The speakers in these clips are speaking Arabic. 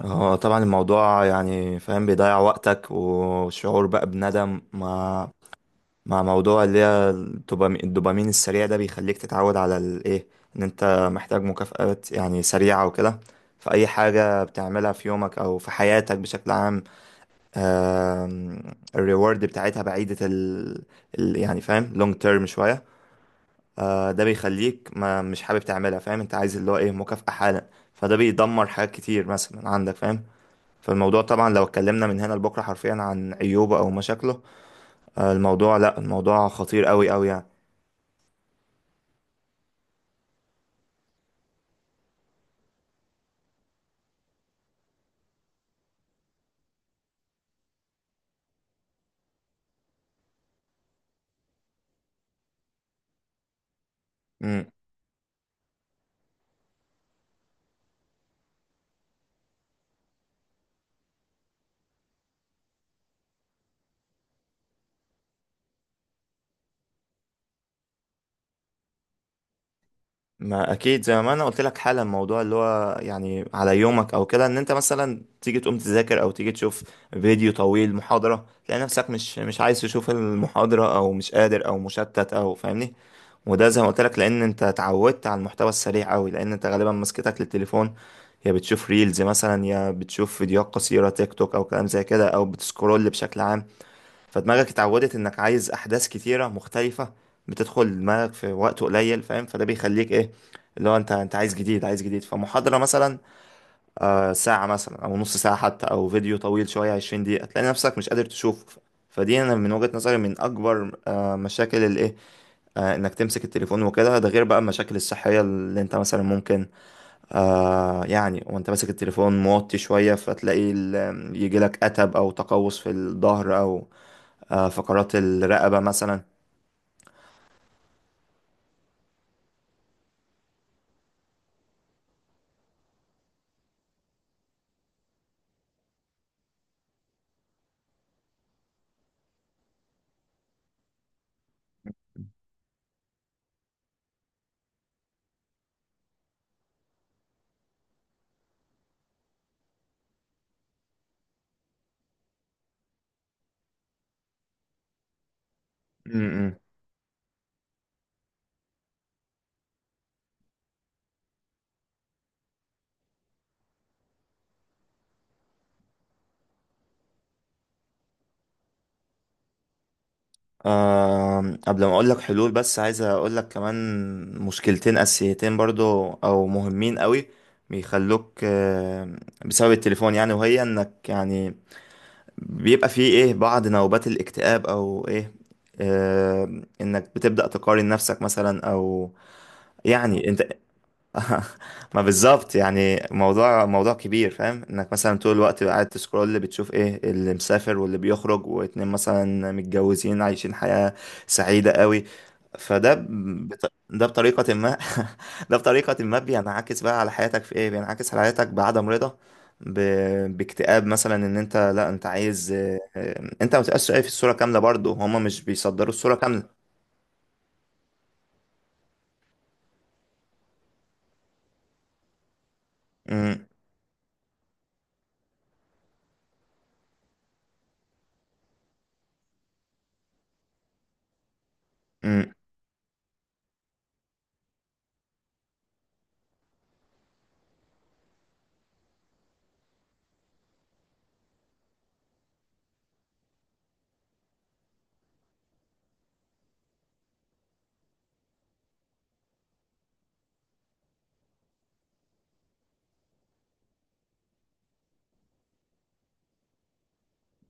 هو طبعا الموضوع يعني فاهم بيضيع وقتك وشعور بقى بندم مع موضوع اللي هي الدوبامين السريع ده بيخليك تتعود على الايه، ان انت محتاج مكافآت يعني سريعة وكده. فأي حاجة بتعملها في يومك أو في حياتك بشكل عام، آم، الريورد بتاعتها بعيدة يعني فاهم، لونج تيرم شوية. ده بيخليك ما مش حابب تعملها، فاهم؟ انت عايز اللي هو ايه، مكافأة حالا. فده بيدمر حاجات كتير مثلا عندك، فاهم؟ فالموضوع طبعا لو اتكلمنا من هنا لبكرة حرفيا عن عيوبه أو مشاكله، الموضوع لأ، الموضوع خطير أوي أوي يعني. مم. ما أكيد، زي ما أنا قلت لك حالا، الموضوع اللي هو يعني على يومك أو كده، إن أنت مثلا تيجي تقوم تذاكر أو تيجي تشوف فيديو طويل، محاضرة، تلاقي نفسك مش عايز تشوف المحاضرة أو مش قادر أو مشتت أو فاهمني. وده زي ما قلت لك، لان انت اتعودت على المحتوى السريع قوي، لان انت غالبا مسكتك للتليفون يا بتشوف ريلز مثلا يا بتشوف فيديوهات قصيرة، تيك توك او كلام زي كده او بتسكرول بشكل عام. فدماغك اتعودت انك عايز احداث كتيرة مختلفة بتدخل دماغك في وقت قليل، فاهم؟ فده بيخليك ايه، اللي هو انت عايز جديد عايز جديد. فمحاضرة مثلا آه ساعة مثلا او نص ساعة حتى او فيديو طويل شوية 20 دقيقة، تلاقي نفسك مش قادر تشوفه. فدي انا من وجهة نظري من اكبر مشاكل الايه، انك تمسك التليفون وكده. ده غير بقى المشاكل الصحية اللي انت مثلا ممكن يعني، وانت ماسك التليفون موطي شوية فتلاقي يجيلك اتب او تقوس في الظهر او فقرات الرقبة مثلا. م- م. آه قبل ما اقول لك حلول، بس عايز اقول لك كمان مشكلتين اساسيتين برضو او مهمين قوي بيخلوك بسبب التليفون، يعني، وهي انك يعني بيبقى فيه ايه، بعض نوبات الاكتئاب او ايه. انك بتبدأ تقارن نفسك مثلا، او يعني انت ما بالظبط، يعني موضوع موضوع كبير، فاهم؟ انك مثلا طول الوقت قاعد تسكرول، بتشوف ايه اللي مسافر واللي بيخرج، واتنين مثلا متجوزين عايشين حياة سعيدة قوي. ده بطريقة ما ده بطريقة ما بينعكس بقى على حياتك في ايه، بينعكس على حياتك بعدم رضا، ب... باكتئاب مثلا، ان انت لا، انت عايز انت ما تبقاش شايف الصورة كاملة برضه، هما مش بيصدروا الصورة كاملة. م- م-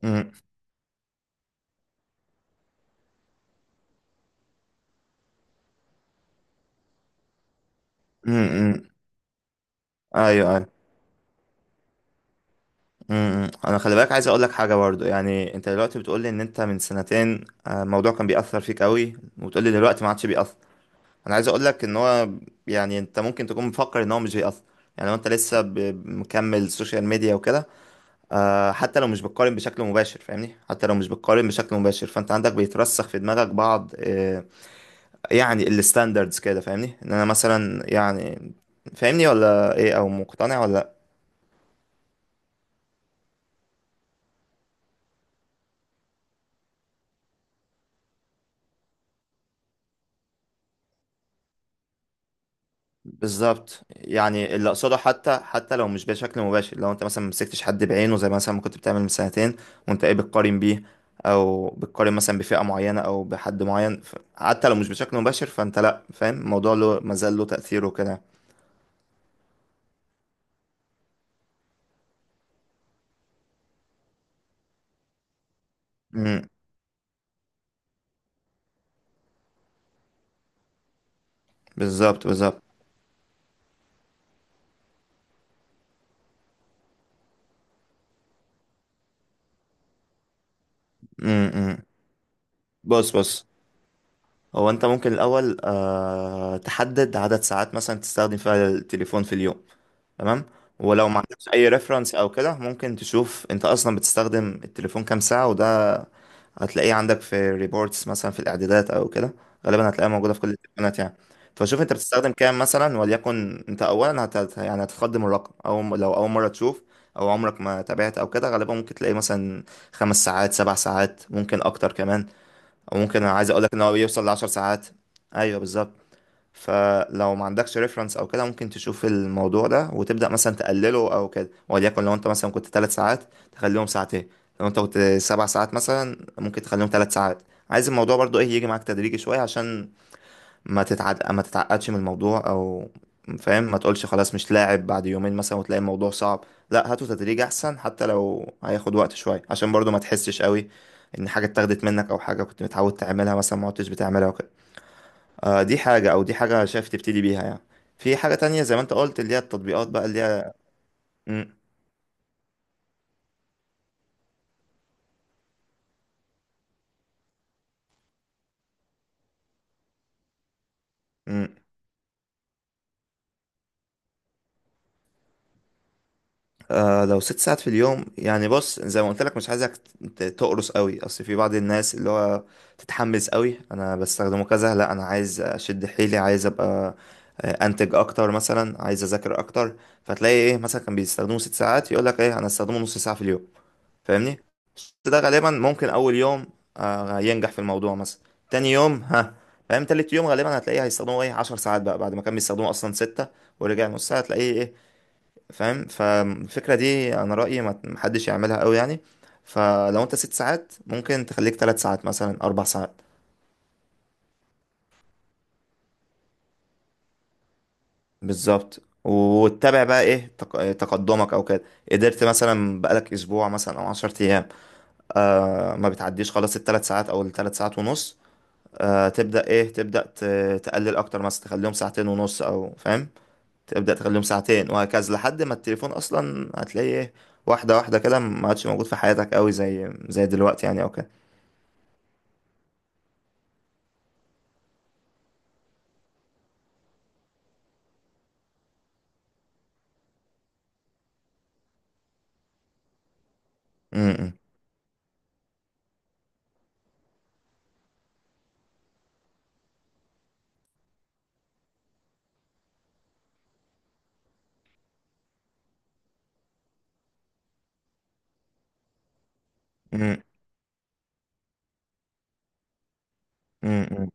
م- م- م. ايوه ايوه. امم، انا خلي بالك عايز اقول لك حاجه برضو، يعني انت دلوقتي بتقول لي ان انت من سنتين الموضوع كان بيأثر فيك قوي، وتقول لي دلوقتي ما عادش بيأثر. انا عايز اقول لك ان هو يعني انت ممكن تكون مفكر ان هو مش بيأثر، يعني لو انت لسه مكمل سوشيال ميديا وكده، حتى لو مش بتقارن بشكل مباشر، فاهمني؟ حتى لو مش بتقارن بشكل مباشر، فانت عندك بيترسخ في دماغك بعض يعني الستاندردز كده، فاهمني ان انا مثلا يعني، فاهمني ولا ايه او مقتنع ولا؟ بالظبط، يعني اللي اقصده، حتى لو مش بشكل مباشر، لو انت مثلا مسكتش حد بعينه زي مثلا ما كنت بتعمل من سنتين وانت ايه بتقارن بيه، او بتقارن مثلا بفئة معينة او بحد معين، حتى لو مش بشكل مباشر فانت لا، فاهم الموضوع له، مازال له تأثيره كده. امم. بالظبط بالظبط. امم امم. بص بص، هو انت ممكن الاول تحدد عدد ساعات مثلا تستخدم فيها التليفون في اليوم. تمام. ولو ما عندكش اي ريفرنس او كده، ممكن تشوف انت اصلا بتستخدم التليفون كام ساعة، وده هتلاقيه عندك في ريبورتس مثلا في الاعدادات او كده. غالبا هتلاقيها موجوده في كل التليفونات يعني. فشوف انت بتستخدم كام مثلا، وليكن انت اولا يعني هتخدم الرقم، او لو اول مره تشوف او عمرك ما تابعت او كده، غالبا ممكن تلاقيه مثلا 5 ساعات، 7 ساعات، ممكن اكتر كمان، او ممكن انا عايز اقولك ان هو بيوصل لعشر ساعات. ايوه بالظبط. فلو ما عندكش ريفرنس او كده، ممكن تشوف الموضوع ده وتبدا مثلا تقلله او كده، وليكن لو انت مثلا كنت 3 ساعات تخليهم ساعتين، لو انت كنت 7 ساعات مثلا ممكن تخليهم 3 ساعات. عايز الموضوع برضو ايه، يجي معاك تدريجي شويه، عشان ما تتعد ما تتعقدش من الموضوع او، فاهم؟ ما تقولش خلاص مش لاعب بعد يومين مثلا، وتلاقي الموضوع صعب. لا، هاته تدريج احسن، حتى لو هياخد وقت شويه، عشان برضو ما تحسش قوي ان حاجه اتاخدت منك، او حاجه كنت متعود تعملها مثلا ما عدتش بتعملها وكده. دي حاجة، أو دي حاجة شايف تبتدي بيها يعني. في حاجة تانية زي ما أنت قلت، اللي هي التطبيقات بقى اللي هي. مم، مم. آه لو 6 ساعات في اليوم يعني، بص زي ما قلت لك، مش عايزك تقرص قوي، أصل في بعض الناس اللي هو تتحمس قوي، أنا بستخدمه كذا، لا أنا عايز أشد حيلي، عايز أبقى أنتج أكتر مثلا، عايز أذاكر أكتر. فتلاقي إيه مثلا، كان بيستخدمه 6 ساعات يقول لك إيه، أنا أستخدمه نص ساعة في اليوم، فاهمني؟ بس ده غالبا ممكن اول يوم ينجح في الموضوع مثلا، تاني يوم ها، فاهم؟ تالت يوم غالبا هتلاقيه هيستخدموه ايه، 10 ساعات بقى بعد ما كان بيستخدموه اصلا ستة ورجع نص ساعة، هتلاقيه ايه، فاهم؟ فالفكرة دي انا رأيي ما محدش يعملها قوي يعني. فلو انت 6 ساعات، ممكن تخليك 3 ساعات مثلا، 4 ساعات. بالظبط، وتتابع بقى ايه، تقدمك او كده. قدرت مثلا بقالك اسبوع مثلا او 10 ايام آه ما بتعديش خلاص الثلاث ساعات او الثلاث ساعات ونص، آه تبدأ ايه، تبدأ تقلل اكتر، مثلا تخليهم ساعتين ونص او فاهم، تبدأ تخليهم ساعتين وهكذا لحد ما التليفون اصلا هتلاقيه ايه، واحدة واحدة كده، ما عادش موجود في حياتك قوي زي دلوقتي يعني او كده. أمم، أمم، أمم.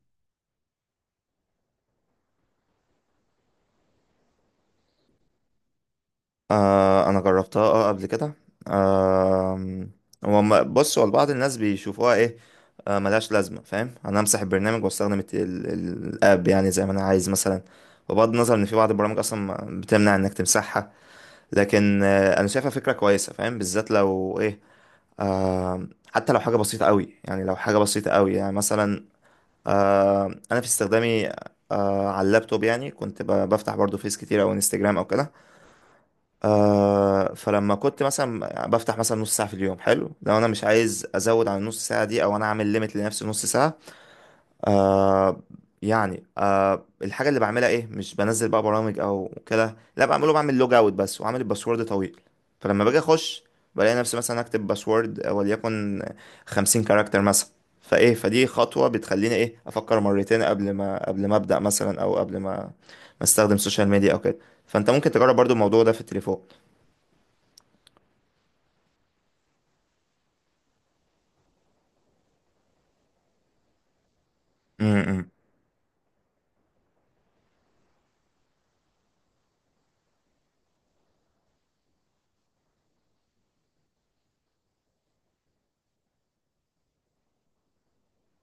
آه انا جربتها اه قبل كده آه، هو بص، هو بعض الناس بيشوفوها ايه، آه ملهاش لازمة، فاهم؟ انا امسح البرنامج واستخدم الاب يعني زي ما انا عايز مثلا، بغض النظر ان في بعض البرامج اصلا بتمنع انك تمسحها. لكن انا شايفها فكره كويسه، فاهم؟ بالذات لو ايه آه، حتى لو حاجه بسيطه قوي يعني، لو حاجه بسيطه قوي يعني مثلا، آه انا في استخدامي آه على اللابتوب يعني كنت بفتح برضو فيس كتير او انستجرام او كده. آه فلما كنت مثلا بفتح مثلا نص ساعه في اليوم، حلو، لو انا مش عايز ازود عن النص ساعه دي، او انا عامل ليميت لنفسي نص ساعه، آه يعني آه الحاجة اللي بعملها ايه، مش بنزل بقى برامج او كده، لا بعمله بعمل لوج اوت بس، وعامل الباسورد طويل. فلما باجي اخش بلاقي نفسي مثلا اكتب باسورد وليكن 50 كاركتر مثلا، فايه، فدي خطوة بتخليني ايه، افكر مرتين قبل ما ابدأ مثلا، او قبل ما استخدم سوشيال ميديا او كده. فانت ممكن تجرب برضو الموضوع ده في التليفون. م-